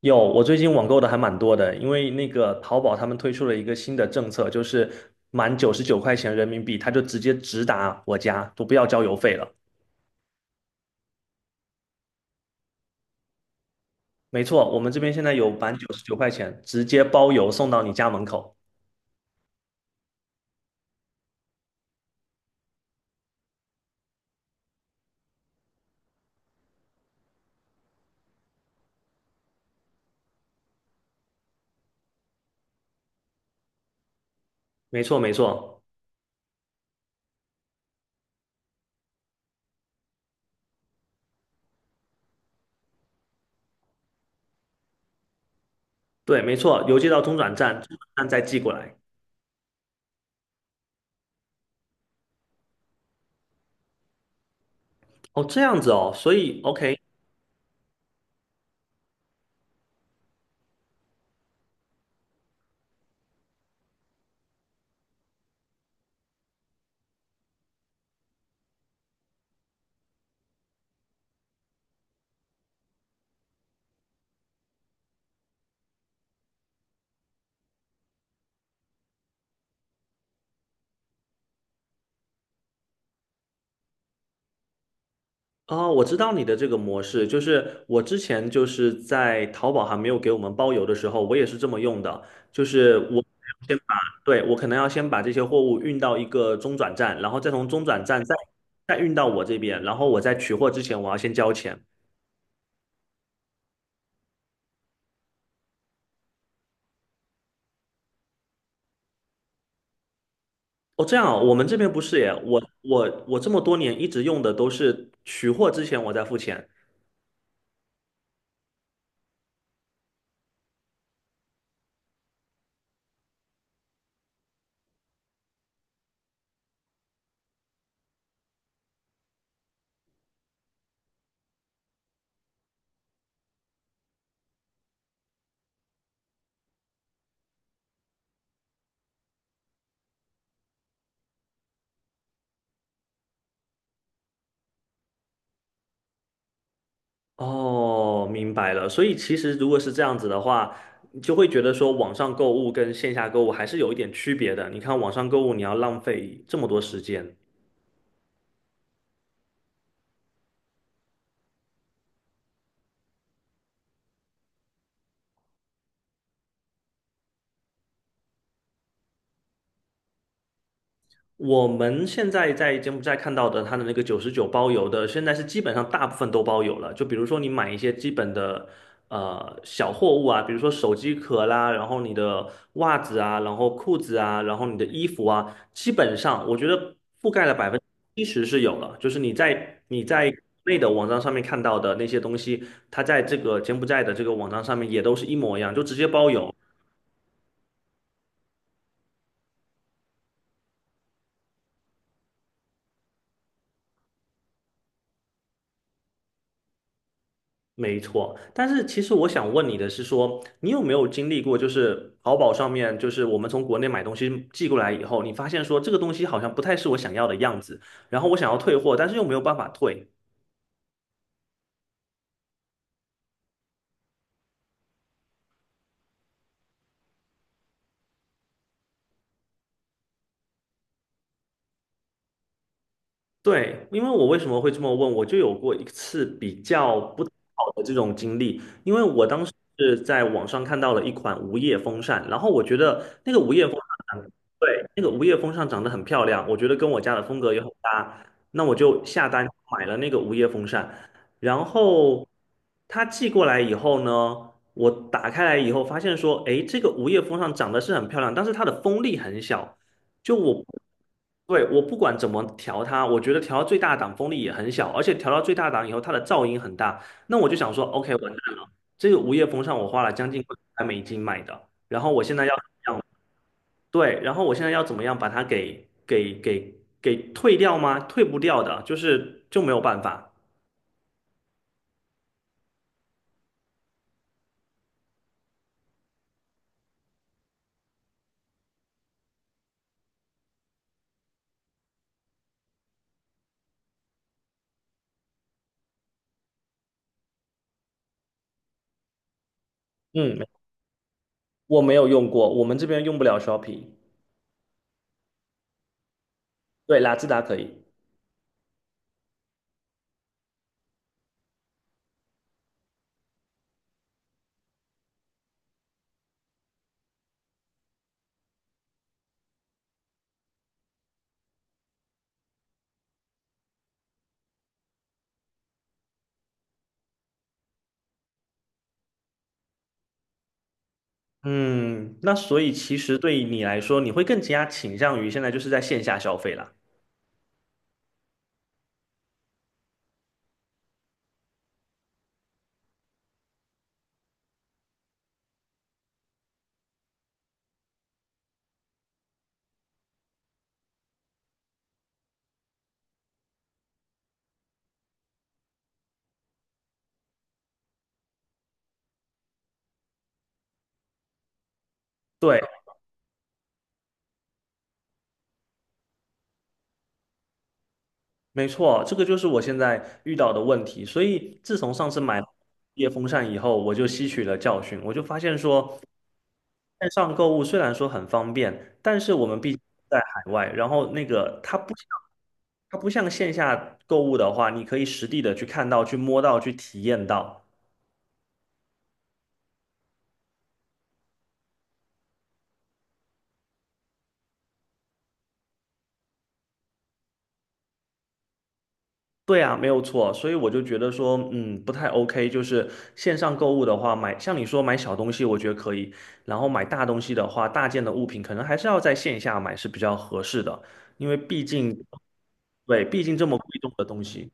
有，我最近网购的还蛮多的，因为那个淘宝他们推出了一个新的政策，就是满九十九块钱人民币，他就直接直达我家，都不要交邮费了。没错，我们这边现在有满九十九块钱，直接包邮送到你家门口。没错，没错，对，没错，邮寄到中转站，中转站再寄过来。哦，这样子哦，所以 OK，哦，我知道你的这个模式，就是我之前就是在淘宝还没有给我们包邮的时候，我也是这么用的，就是我先把，对，我可能要先把这些货物运到一个中转站，然后再从中转站再运到我这边，然后我在取货之前我要先交钱。哦，这样哦，我们这边不是耶，我这么多年一直用的都是取货之前我再付钱，哦，明白了。所以其实如果是这样子的话，你就会觉得说网上购物跟线下购物还是有一点区别的。你看网上购物，你要浪费这么多时间。我们现在在柬埔寨看到的，它的那个九十九包邮的，现在是基本上大部分都包邮了。就比如说你买一些基本的小货物啊，比如说手机壳啦，然后你的袜子啊，然后裤子啊，然后你的衣服啊，基本上我觉得覆盖了70%是有了。就是你在国内的网站上面看到的那些东西，它在这个柬埔寨的这个网站上面也都是一模一样，就直接包邮。没错，但是其实我想问你的是说，你有没有经历过，就是淘宝上面，就是我们从国内买东西寄过来以后，你发现说这个东西好像不太是我想要的样子，然后我想要退货，但是又没有办法退，对，因为我为什么会这么问，我就有过一次比较不好的这种经历，因为我当时是在网上看到了一款无叶风扇，然后我觉得那个无叶风扇长，对，那个无叶风扇长得很漂亮，我觉得跟我家的风格也很搭，那我就下单买了那个无叶风扇，然后它寄过来以后呢，我打开来以后发现说，诶，这个无叶风扇长得是很漂亮，但是它的风力很小。就我，对，我不管怎么调它，我觉得调到最大档风力也很小，而且调到最大档以后，它的噪音很大。那我就想说，OK，我蛋了，这个无叶风扇我花了将近块美金买的，然后我现在要，对，然后我现在要怎么样把它给退掉吗？退不掉的，就是就没有办法。嗯，我没有用过，我们这边用不了 Shopping， 对，雅姿达可以。嗯，那所以其实对你来说，你会更加倾向于现在就是在线下消费啦。对，没错，这个就是我现在遇到的问题。所以自从上次买夜风扇以后，我就吸取了教训，我就发现说，线上购物虽然说很方便，但是我们毕竟在海外，然后那个它不像线下购物的话，你可以实地的去看到、去摸到、去体验到。对啊，没有错，所以我就觉得说，嗯，不太 OK。就是线上购物的话，买像你说买小东西，我觉得可以；然后买大东西的话，大件的物品可能还是要在线下买是比较合适的，因为毕竟，对，毕竟这么贵重的东西。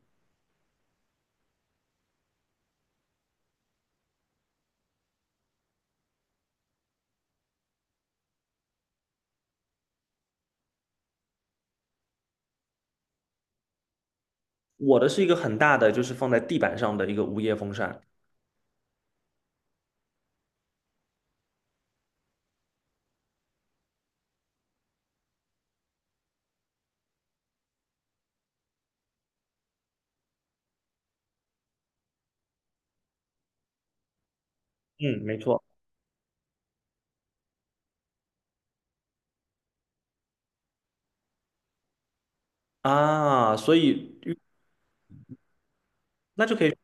我的是一个很大的，就是放在地板上的一个无叶风扇。嗯，没错啊，所以那就可以，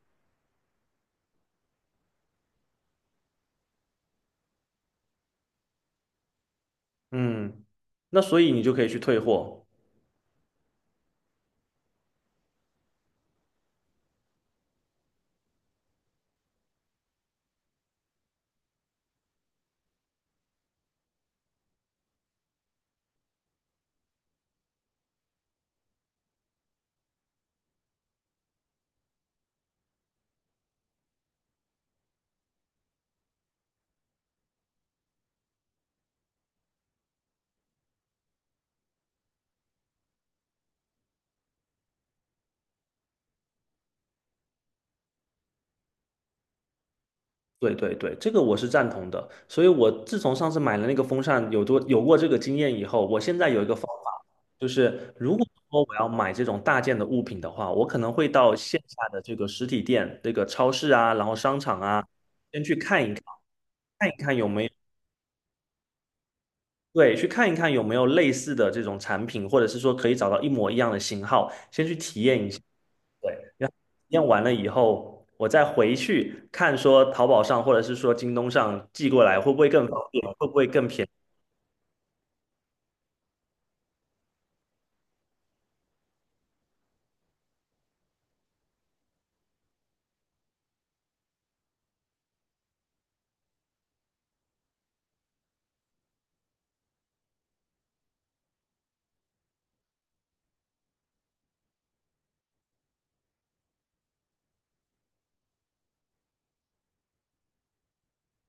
嗯，那所以你就可以去退货。对对对，这个我是赞同的。所以我自从上次买了那个风扇，有过这个经验以后，我现在有一个方法，就是如果说我要买这种大件的物品的话，我可能会到线下的这个实体店、这个超市啊，然后商场啊，先去看一看，看一看有没有，对，去看一看有没有类似的这种产品，或者是说可以找到一模一样的型号，先去体验一下。对，然后验完了以后，我再回去看说淘宝上或者是说京东上寄过来会不会更方便，会不会更便宜？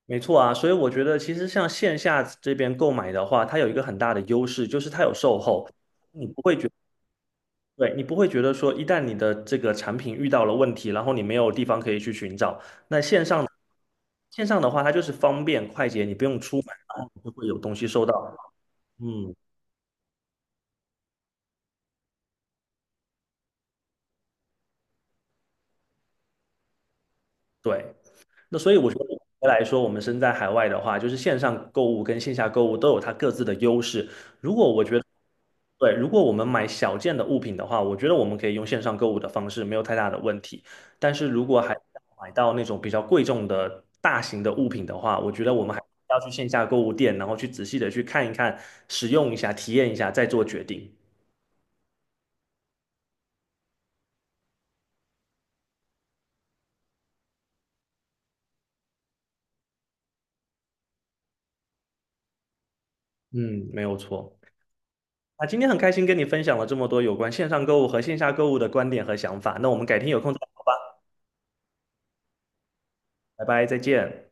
没错啊，所以我觉得其实像线下这边购买的话，它有一个很大的优势，就是它有售后，你不会觉对，你不会觉得说一旦你的这个产品遇到了问题，然后你没有地方可以去寻找，那线上的话，它就是方便快捷，你不用出门，然后你就会有东西收到。嗯，对。那所以我觉得总结来说，我们身在海外的话，就是线上购物跟线下购物都有它各自的优势。如果我觉得，对，如果我们买小件的物品的话，我觉得我们可以用线上购物的方式，没有太大的问题。但是如果还买到那种比较贵重的大型的物品的话，我觉得我们还是要去线下购物店，然后去仔细的去看一看、使用一下、体验一下，再做决定。嗯，没有错。啊，今天很开心跟你分享了这么多有关线上购物和线下购物的观点和想法。那我们改天有空再。拜拜，再见。